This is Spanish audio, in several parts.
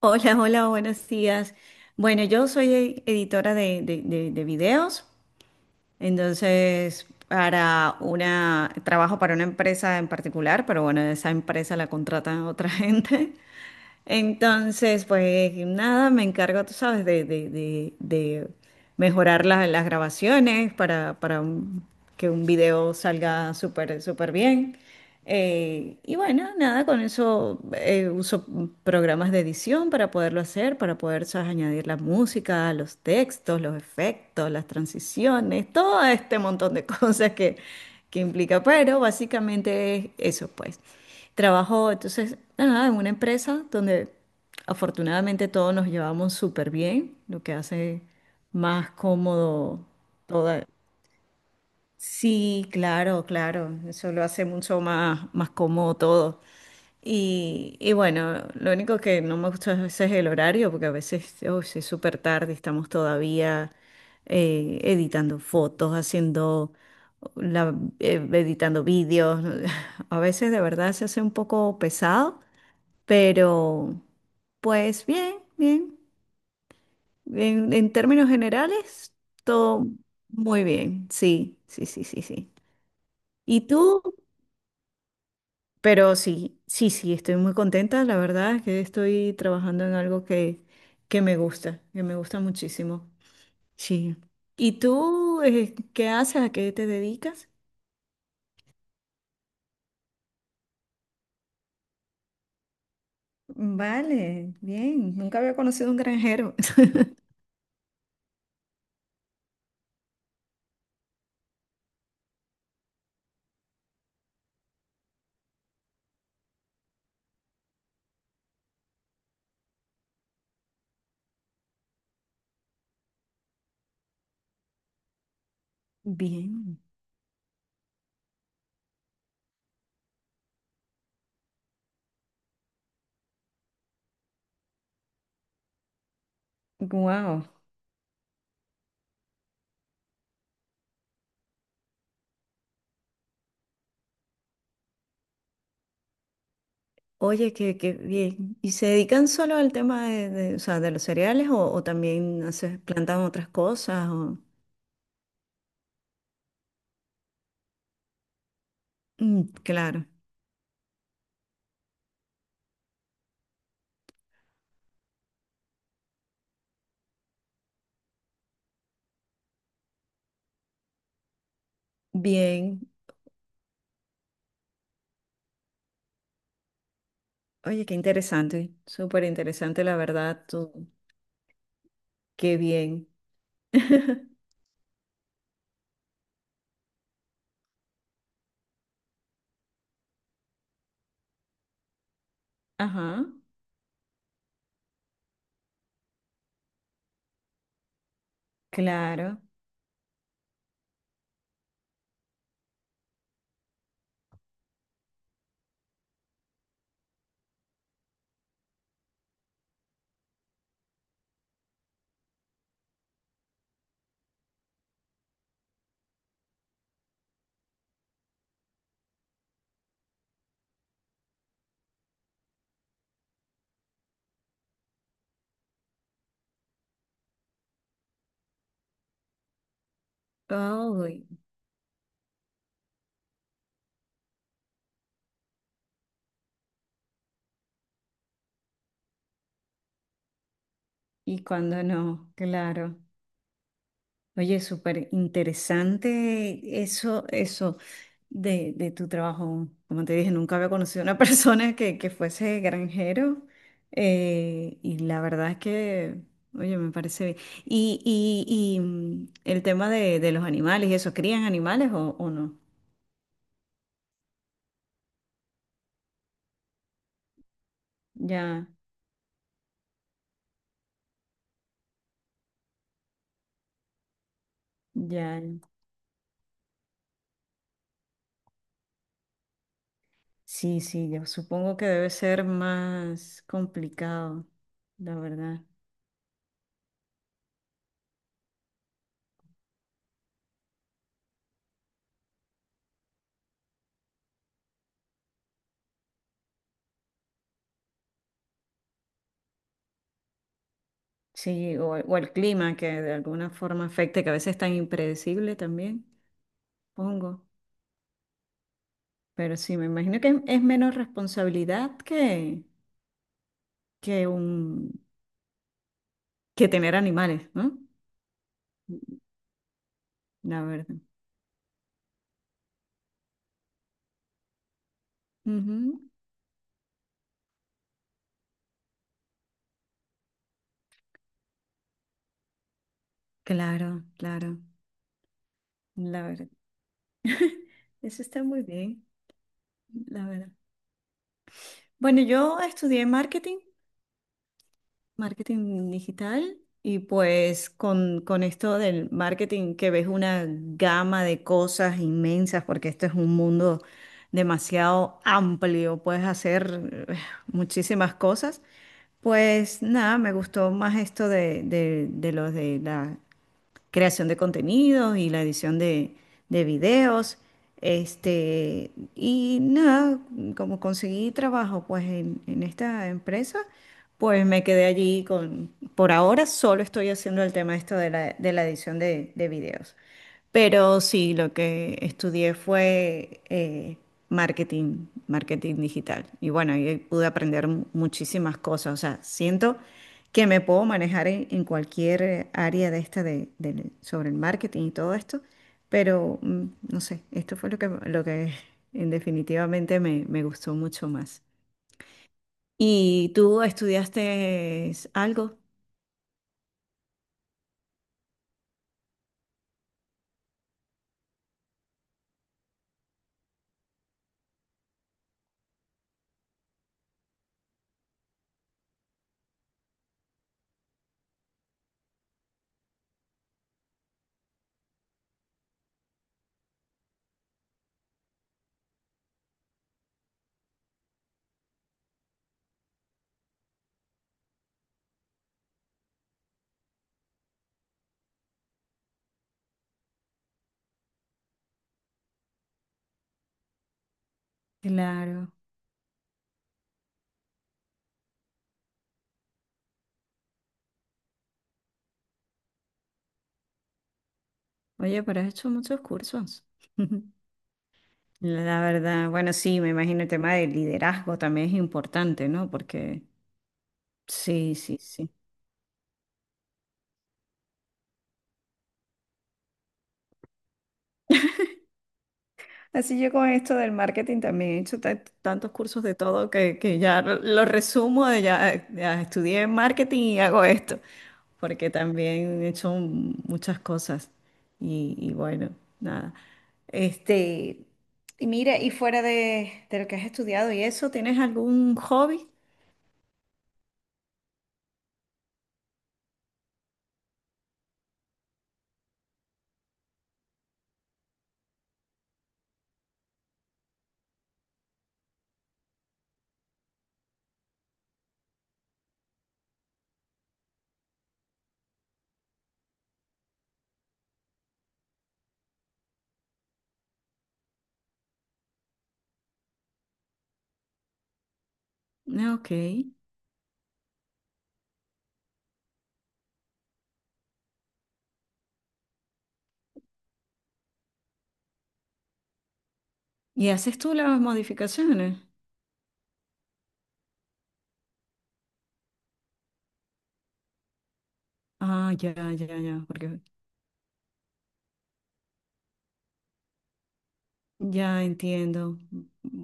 Hola, hola, buenos días. Bueno, yo soy editora de videos, entonces trabajo para una empresa en particular, pero bueno, esa empresa la contratan otra gente. Entonces, pues nada, me encargo, tú sabes, de mejorar las grabaciones para, que un video salga súper, súper bien. Y bueno, nada, con eso uso programas de edición para poderlo hacer, para poder, sabes, añadir la música, los textos, los efectos, las transiciones, todo este montón de que implica. Pero básicamente es eso, pues. Trabajo entonces nada, en una empresa donde afortunadamente todos nos llevamos súper bien, lo que hace más cómodo toda. Sí, claro, claro, eso lo hace mucho más, más cómodo todo. Y bueno, lo único que no me gusta a veces es el horario, porque a veces oh, sí es súper tarde, estamos todavía editando fotos, editando vídeos. A veces de verdad se hace un poco pesado, pero pues bien, bien. En términos generales, todo muy bien. Sí, sí, sí, sí, sí. ¿Y tú? Pero sí, sí, sí, estoy muy contenta. La verdad es que estoy trabajando en algo que me gusta muchísimo. Sí. ¿Y tú, qué haces? ¿A qué te dedicas? Vale, bien. Nunca había conocido un granjero. Bien. Wow. Oye, qué, qué bien. ¿Y se dedican solo al tema o sea, de los cereales o también haces, plantan otras cosas? Mm, claro. Bien. Oye, qué interesante, súper interesante, la verdad, tú. Qué bien. Ajá, claro. Ay, y cuando no, claro. Oye, súper interesante eso, eso de tu trabajo. Como te dije, nunca había conocido a una persona que fuese granjero. Y la verdad es que, oye, me parece bien. El tema de los animales y eso, ¿crían animales o no? Ya. Ya, ya. Sí, sí, yo supongo que debe ser más complicado, la verdad. Sí, o el clima que de alguna forma afecte, que a veces es tan impredecible también, supongo. Pero sí, me imagino que es menos responsabilidad que, que un, que tener animales, ¿no? La verdad. Ujú. Claro, claro, la verdad. Eso está muy bien, la verdad. Bueno, yo estudié marketing. Marketing digital y pues con esto del marketing que ves una gama de cosas inmensas porque esto es un mundo demasiado amplio, puedes hacer muchísimas cosas. Pues nada, me gustó más esto de la creación de contenidos y la edición de videos. Este, y nada, como conseguí trabajo pues en esta empresa, pues me quedé allí con, por ahora solo estoy haciendo el tema esto de de la edición de videos. Pero sí, lo que estudié fue marketing, marketing digital. Y bueno, ahí pude aprender muchísimas cosas. O sea, siento que me puedo manejar en cualquier área de esta sobre el marketing y todo esto, pero no sé, esto fue lo que en definitivamente me, me gustó mucho más. ¿Y tú estudiaste algo? Claro. Oye, pero has hecho muchos cursos. La verdad, bueno, sí, me imagino el tema del liderazgo también es importante, ¿no? Porque sí, sí, sí. Así yo con esto del marketing también he hecho tantos cursos de todo que ya lo resumo de ya, ya estudié marketing y hago esto, porque también he hecho muchas cosas y bueno, nada. Este, y mira, y fuera de lo que has estudiado y eso, ¿tienes algún hobby? Ah, ok. ¿Y haces tú las modificaciones? Ah, ya, ya, ya, porque ya entiendo.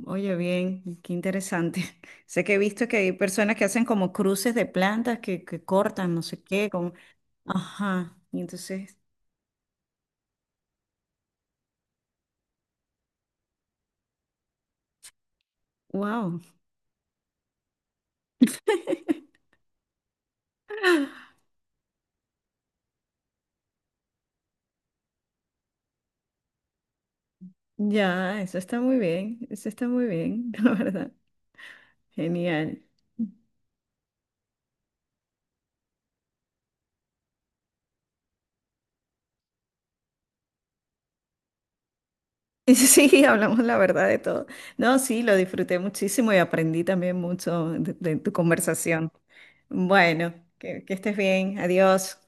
Oye, bien, qué interesante. Sé que he visto que hay personas que hacen como cruces de plantas que cortan, no sé qué, como, ajá, y entonces, wow. Ya, eso está muy bien, eso está muy bien, la verdad. Genial. Sí, hablamos la verdad de todo. No, sí, lo disfruté muchísimo y aprendí también mucho de tu conversación. Bueno, que estés bien, adiós.